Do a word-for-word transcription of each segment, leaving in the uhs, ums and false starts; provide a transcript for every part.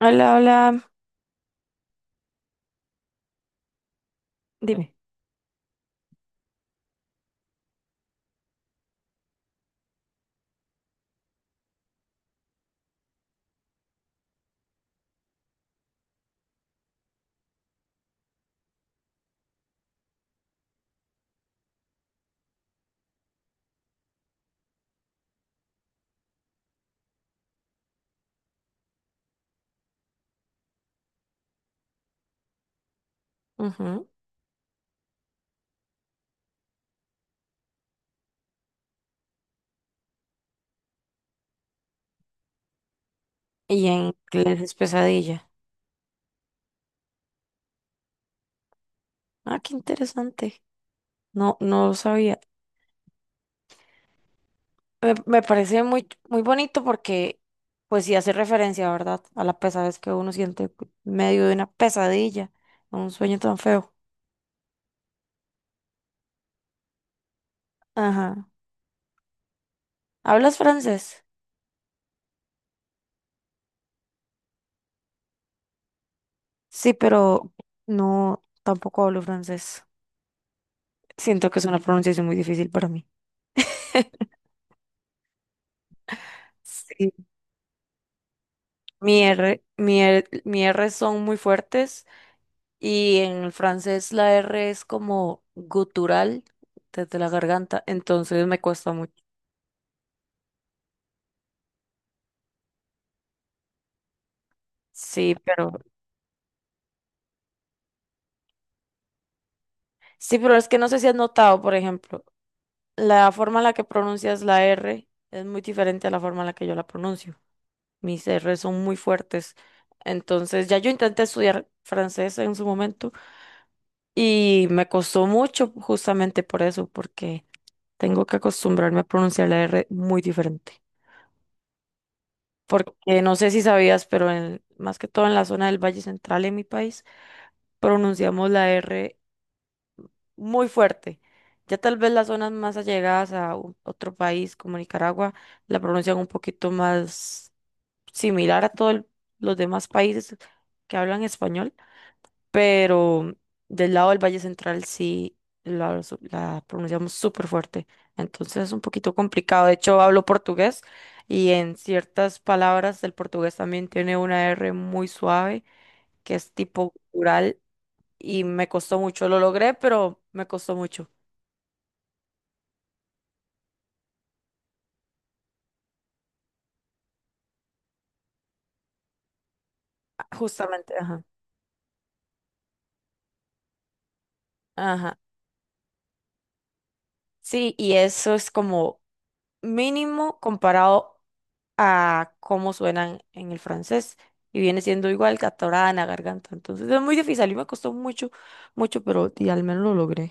Hola, hola, dime. Ujú. Y en inglés es pesadilla. Ah, qué interesante. No, no lo sabía. Me, me parece muy, muy bonito porque, pues sí hace referencia, ¿verdad? A la pesadez que uno siente en medio de una pesadilla, un sueño tan feo. Ajá. ¿Hablas francés? Sí, pero no, tampoco hablo francés. Siento que es una pronunciación muy difícil para mí. Sí, mi R, mi R, mi R son muy fuertes. Y en el francés la R es como gutural desde la garganta, entonces me cuesta mucho. Sí, pero sí, pero es que no sé si has notado, por ejemplo, la forma en la que pronuncias la R es muy diferente a la forma en la que yo la pronuncio. Mis R son muy fuertes. Entonces, ya yo intenté estudiar francés en su momento y me costó mucho justamente por eso, porque tengo que acostumbrarme a pronunciar la R muy diferente. Porque no sé si sabías, pero en- más que todo en la zona del Valle Central en mi país, pronunciamos la R muy fuerte. Ya tal vez las zonas más allegadas a u- otro país como Nicaragua la pronuncian un poquito más similar a todos los demás países que hablan español, pero del lado del Valle Central sí la, su- la pronunciamos súper fuerte. Entonces es un poquito complicado. De hecho, hablo portugués y en ciertas palabras del portugués también tiene una R muy suave, que es tipo rural, y me costó mucho. Lo logré, pero me costó mucho. Ah, justamente, ajá. Ajá. Sí, y eso es como mínimo comparado a cómo suenan en el francés. Y viene siendo igual catorada en la garganta. Entonces es muy difícil. A mí me costó mucho, mucho, pero y al menos lo logré.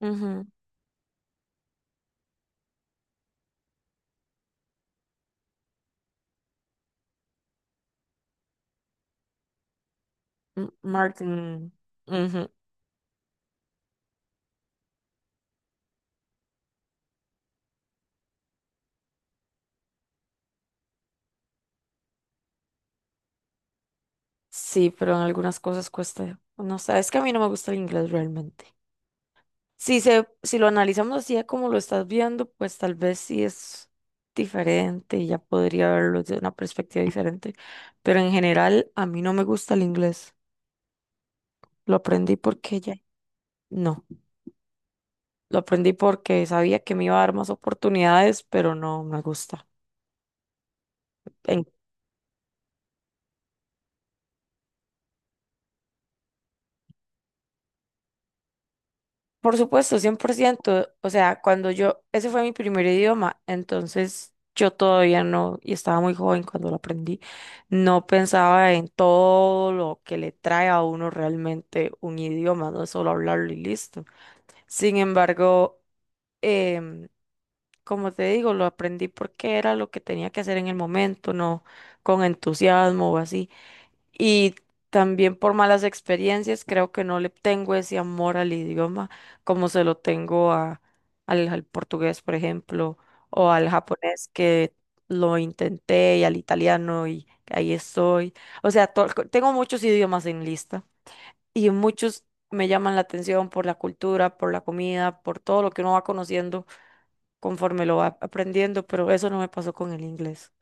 Ujú. M- Martin. Ujú. Sí, pero en algunas cosas cuesta. No sé, es que a mí no me gusta el inglés realmente. Si se, si lo analizamos así a como lo estás viendo, pues tal vez sí es diferente y ya podría verlo desde una perspectiva diferente. Pero en general, a mí no me gusta el inglés. Lo aprendí porque ya. No, lo aprendí porque sabía que me iba a dar más oportunidades, pero no me gusta. Por supuesto, cien por ciento. O sea, cuando yo, ese fue mi primer idioma, entonces yo todavía no, y estaba muy joven cuando lo aprendí, no pensaba en todo lo que le trae a uno realmente un idioma, no es solo hablarlo y listo. Sin embargo, em, como te digo, lo aprendí porque era lo que tenía que hacer en el momento, no con entusiasmo o así. Y también por malas experiencias, creo que no le tengo ese amor al idioma como se lo tengo a, al, al portugués, por ejemplo, o al japonés que lo intenté, y al italiano y ahí estoy. O sea, to- tengo muchos idiomas en lista y muchos me llaman la atención por la cultura, por la comida, por todo lo que uno va conociendo conforme lo va aprendiendo, pero eso no me pasó con el inglés.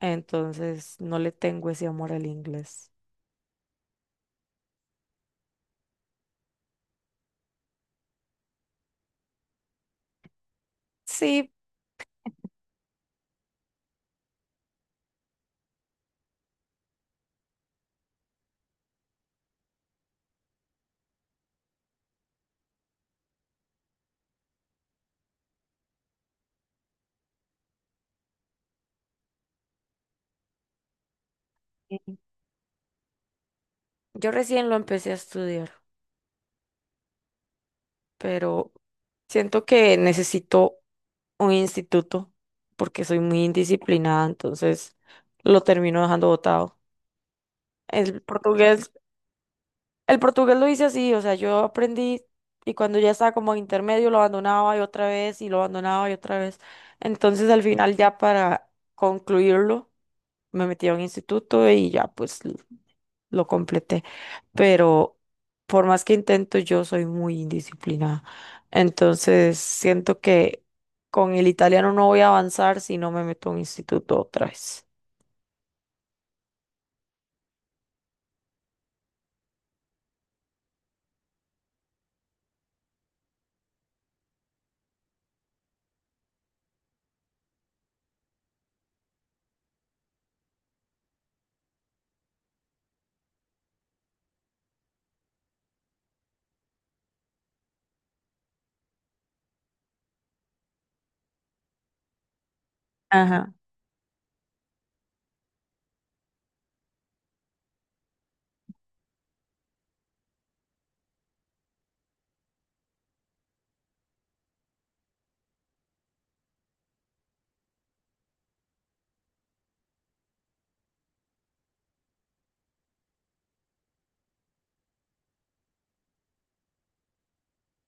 Entonces, no le tengo ese amor al inglés. Sí, yo recién lo empecé a estudiar, pero siento que necesito un instituto porque soy muy indisciplinada, entonces lo termino dejando botado. El portugués El portugués lo hice así, o sea, yo aprendí y cuando ya estaba como en intermedio lo abandonaba y otra vez y lo abandonaba y otra vez. Entonces al final ya para concluirlo me metí a un instituto y ya pues l- lo completé. Pero por más que intento yo soy muy indisciplinada. Entonces siento que con el italiano no voy a avanzar si no me meto a un instituto otra vez. Ajá.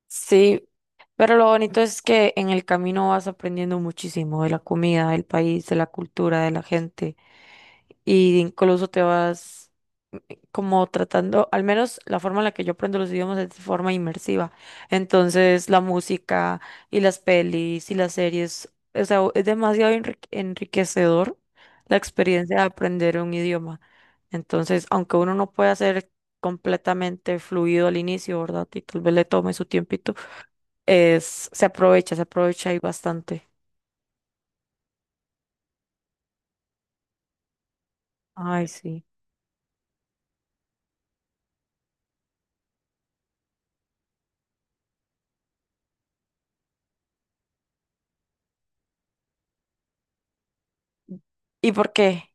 Sí, pero lo bonito es que en el camino vas aprendiendo muchísimo de la comida, del país, de la cultura, de la gente, y incluso te vas, eh, como tratando, al menos la forma en la que yo aprendo los idiomas es de forma inmersiva. Entonces, la música y las pelis y las series, o sea, es demasiado enri- enriquecedor la experiencia de aprender un idioma. Entonces, aunque uno no pueda hacer completamente fluido al inicio, ¿verdad? Y tal vez le tome su tiempito. Es, se aprovecha, se aprovecha ahí bastante. Ay, sí. ¿Y por qué?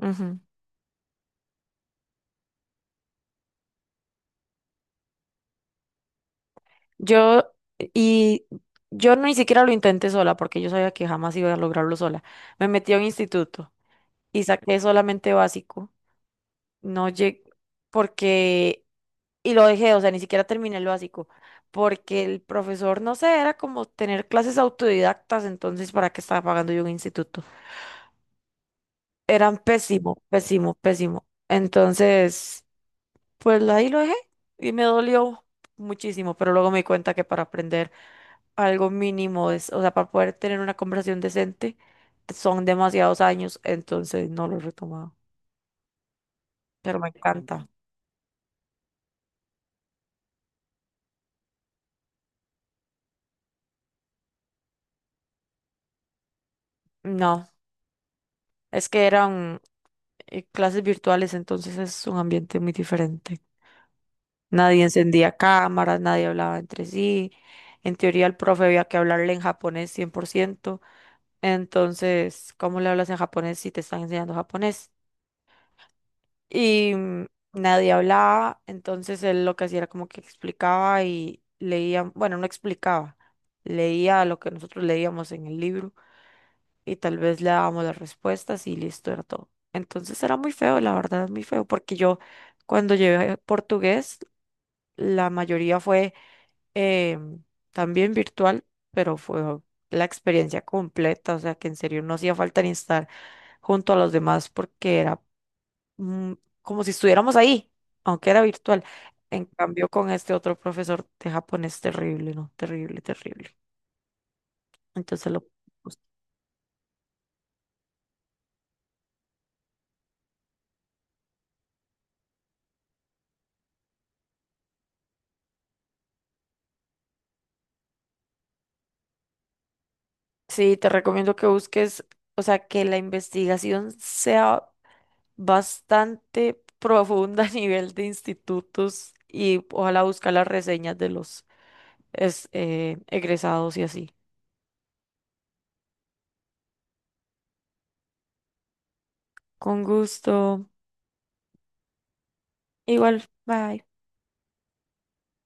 Ujú. Yo, y yo ni siquiera lo intenté sola porque yo sabía que jamás iba a lograrlo sola. Me metí a un instituto y saqué solamente básico. No llegué, porque, y lo dejé, o sea, ni siquiera terminé el básico. Porque el profesor, no sé, era como tener clases autodidactas, entonces, ¿para qué estaba pagando yo un instituto? Eran pésimo, pésimo, pésimo. Entonces, pues ahí lo dejé y me dolió muchísimo, pero luego me di cuenta que para aprender algo mínimo es, o sea, para poder tener una conversación decente, son demasiados años, entonces no lo he retomado, pero me encanta. No, es que eran eh, clases virtuales, entonces es un ambiente muy diferente. Nadie encendía cámaras, nadie hablaba entre sí. En teoría, el profe había que hablarle en japonés cien por ciento. Entonces, ¿cómo le hablas en japonés si te están enseñando japonés? Y mm, nadie hablaba, entonces él lo que hacía era como que explicaba y leía, bueno, no explicaba, leía lo que nosotros leíamos en el libro y tal vez le dábamos las respuestas y listo, era todo. Entonces era muy feo, la verdad, muy feo, porque yo cuando llevé portugués, la mayoría fue eh, también virtual, pero fue la experiencia completa, o sea que en serio no hacía falta ni estar junto a los demás porque era mm, como si estuviéramos ahí, aunque era virtual. En cambio, con este otro profesor de japonés, terrible, ¿no? Terrible, terrible. Entonces lo... Sí, te recomiendo que busques, o sea, que la investigación sea bastante profunda a nivel de institutos y ojalá buscar las reseñas de los es- eh, egresados y así. Con gusto. Igual, bye.